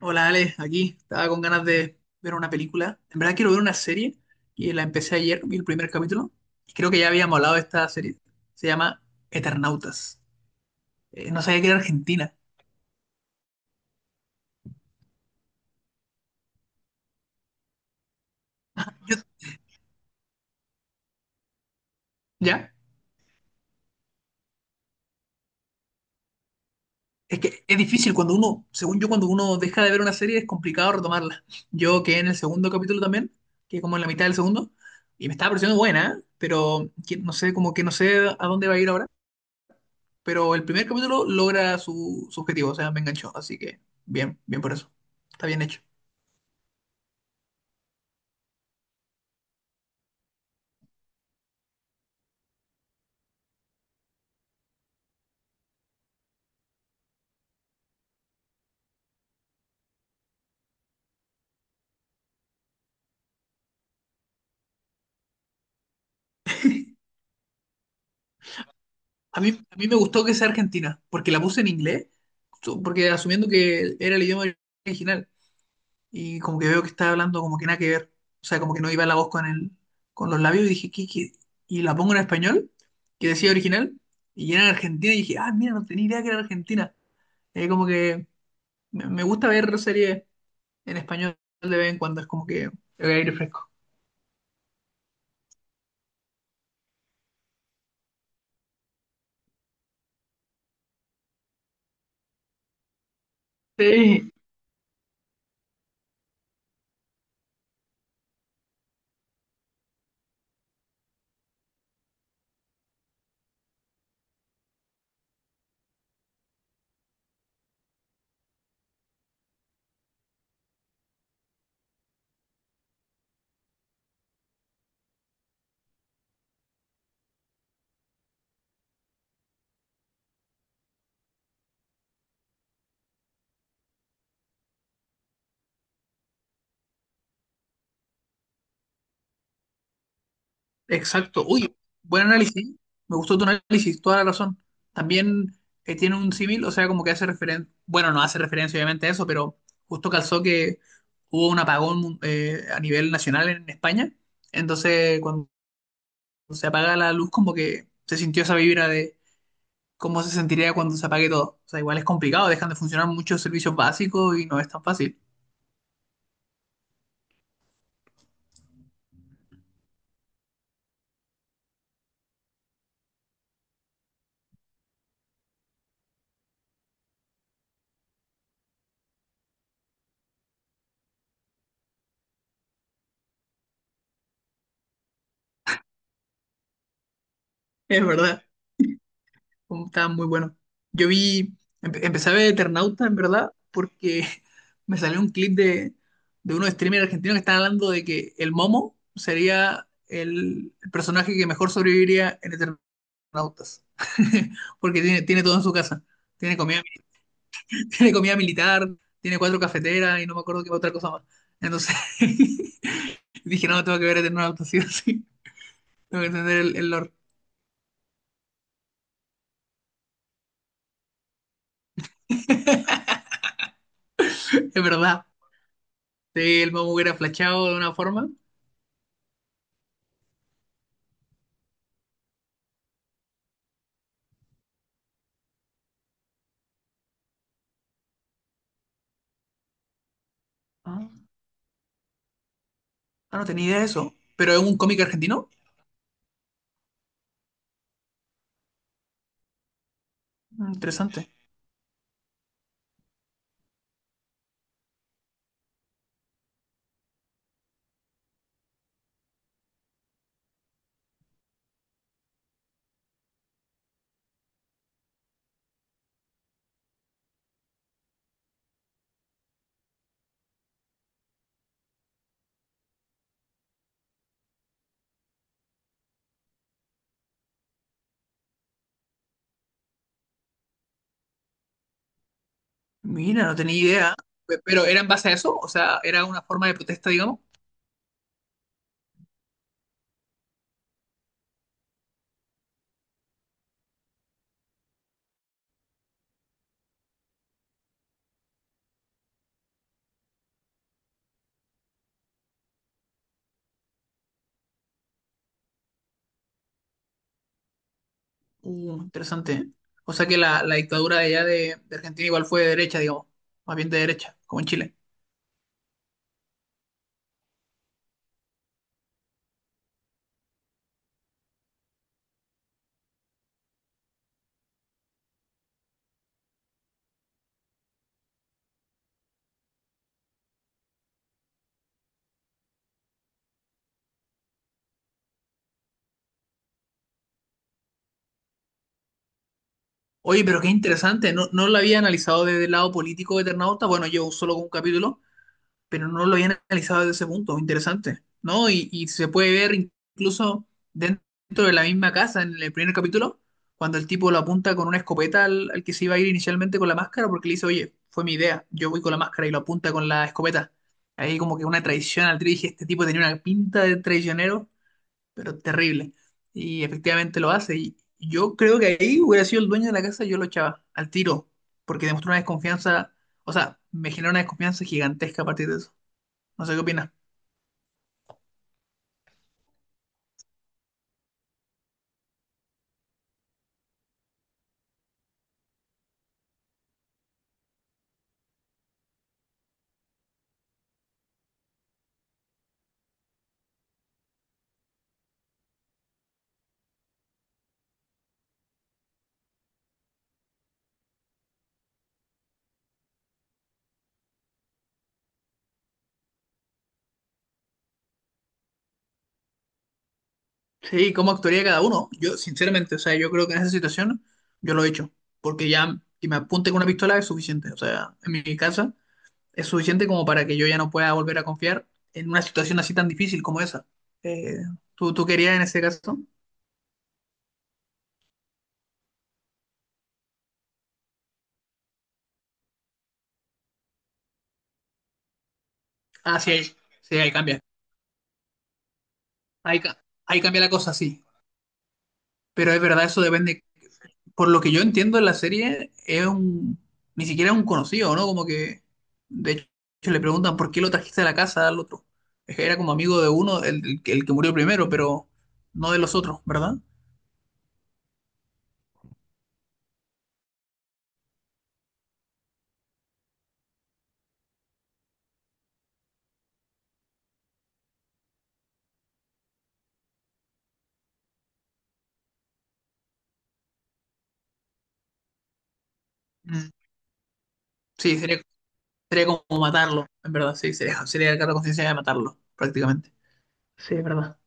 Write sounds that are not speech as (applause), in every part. Hola Ale, aquí estaba con ganas de ver una película. En verdad quiero ver una serie y la empecé ayer, vi el primer capítulo. Y creo que ya habíamos hablado de esta serie. Se llama Eternautas. No sabía que era Argentina. Yo- ¿Ya? Es que es difícil cuando uno, según yo, cuando uno deja de ver una serie es complicado retomarla. Yo quedé en el segundo capítulo también, que como en la mitad del segundo, y me estaba pareciendo buena, ¿eh? Pero no sé, como que no sé a dónde va a ir ahora. Pero el primer capítulo logra su objetivo, o sea, me enganchó. Así que bien, bien por eso. Está bien hecho. A mí me gustó que sea Argentina, porque la puse en inglés, porque asumiendo que era el idioma original. Y como que veo que estaba hablando como que nada que ver. O sea, como que no iba la voz con el, con los labios y dije, ¿qué? Y la pongo en español, que decía original, y era en Argentina y dije, ah, mira, no tenía idea que era Argentina. Como que me gusta ver series en español de vez en cuando, es como que el aire fresco. Sí, exacto. Uy, buen análisis. Me gustó tu análisis, toda la razón. También tiene un símil, o sea, como que hace referencia, bueno, no hace referencia obviamente a eso, pero justo calzó que hubo un apagón, a nivel nacional en España. Entonces, cuando se apaga la luz, como que se sintió esa vibra de cómo se sentiría cuando se apague todo. O sea, igual es complicado, dejan de funcionar muchos servicios básicos y no es tan fácil. Es verdad. Oh, estaba muy bueno. Yo vi, empecé a ver Eternauta, en verdad, porque (laughs) me salió un clip de unos streamers argentinos que están hablando de que el Momo sería el personaje que mejor sobreviviría en Eternautas. (laughs) Porque tiene todo en su casa. Tiene comida, (laughs) tiene comida militar, tiene cuatro cafeteras y no me acuerdo qué otra cosa más. Entonces (laughs) dije, no, tengo que ver Eternautas, sí o sí. Tengo que entender el lore. Es verdad. Sí, el Momo hubiera flachado de una forma. Ah, no tenía idea de eso. ¿Pero es un cómic argentino? Mm, interesante. Mira, no tenía idea. ¿Pero era en base a eso? O sea, ¿era una forma de protesta, digamos? Interesante, ¿eh? O sea que la dictadura de allá de Argentina igual fue de derecha, digamos. Más bien de derecha, como en Chile. Oye, pero qué interesante. No, no lo había analizado desde el lado político de Eternauta. Bueno, yo solo con un capítulo, pero no lo habían analizado desde ese punto, interesante, ¿no? Y se puede ver incluso dentro de la misma casa en el primer capítulo, cuando el tipo lo apunta con una escopeta al que se iba a ir inicialmente con la máscara, porque le dice, oye, fue mi idea, yo voy con la máscara y lo apunta con la escopeta. Ahí como que una traición al trío, dije, este tipo tenía una pinta de traicionero, pero terrible. Y efectivamente lo hace. Y yo creo que ahí hubiera sido el dueño de la casa, yo lo echaba al tiro, porque demostró una desconfianza, o sea, me generó una desconfianza gigantesca a partir de eso. No sé qué opinas. Sí, ¿cómo actuaría cada uno? Yo, sinceramente, o sea, yo creo que en esa situación yo lo he hecho. Porque ya que me apunte con una pistola es suficiente. O sea, en mi casa es suficiente como para que yo ya no pueda volver a confiar en una situación así tan difícil como esa. Eh, ¿tú querías en ese caso? Ah, sí, ahí cambia. Ahí, ahí cambia la cosa, sí. Pero es verdad, eso depende por lo que yo entiendo en la serie, es un, ni siquiera es un conocido, ¿no? Como que, de hecho, le preguntan por qué lo trajiste a la casa al otro. Es que era como amigo de uno, el que murió primero, pero no de los otros, ¿verdad? Mm. Sí, sería como matarlo, en verdad, sí, sería cargo de conciencia de matarlo, prácticamente. Sí, es verdad.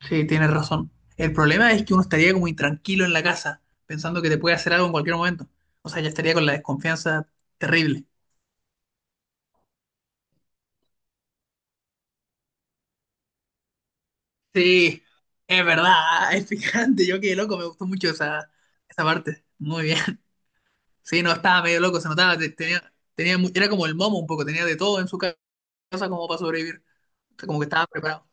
Sí, tienes razón. El problema es que uno estaría como intranquilo en la casa, pensando que te puede hacer algo en cualquier momento. O sea, ya estaría con la desconfianza terrible. Sí, es verdad, (laughs) es picante. Yo quedé loco, me gustó mucho esa, esa parte. Muy bien. (laughs) Sí, no, estaba medio loco, se notaba. Tenía, tenía, era como el momo un poco, tenía de todo en su casa como para sobrevivir. O sea, como que estaba preparado.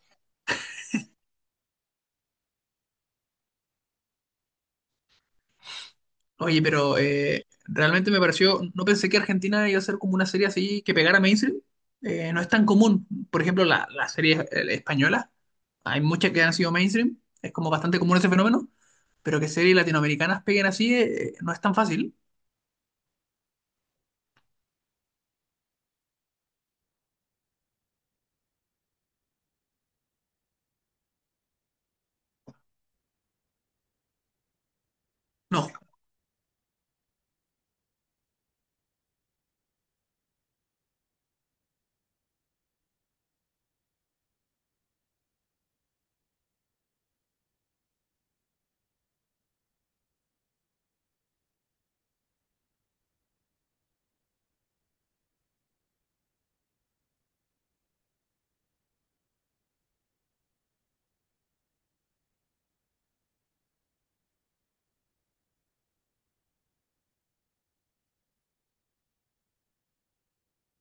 Oye, pero realmente me pareció, no pensé que Argentina iba a ser como una serie así que pegara mainstream. No es tan común. Por ejemplo, la serie española, hay muchas que han sido mainstream. Es como bastante común ese fenómeno, pero que series latinoamericanas peguen así, no es tan fácil. No.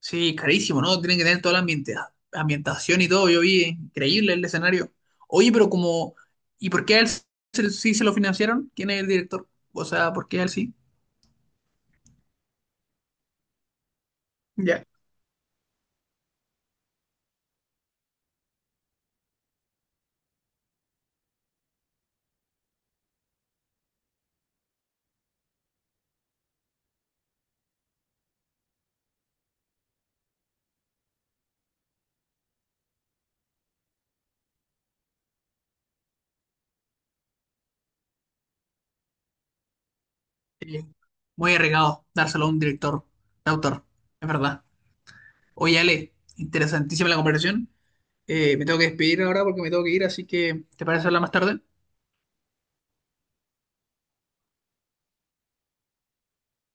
Sí, carísimo, ¿no? Tienen que tener toda la ambientación y todo. Yo vi, increíble el escenario. Oye, pero como, ¿y por qué a él sí se lo financiaron? ¿Quién es el director? O sea, ¿por qué a él sí? Ya. Eh, Muy arriesgado dárselo a un director, de autor, es verdad. Oye, Ale, interesantísima la conversación. Me tengo que despedir ahora porque me tengo que ir, así que ¿te parece hablar más tarde?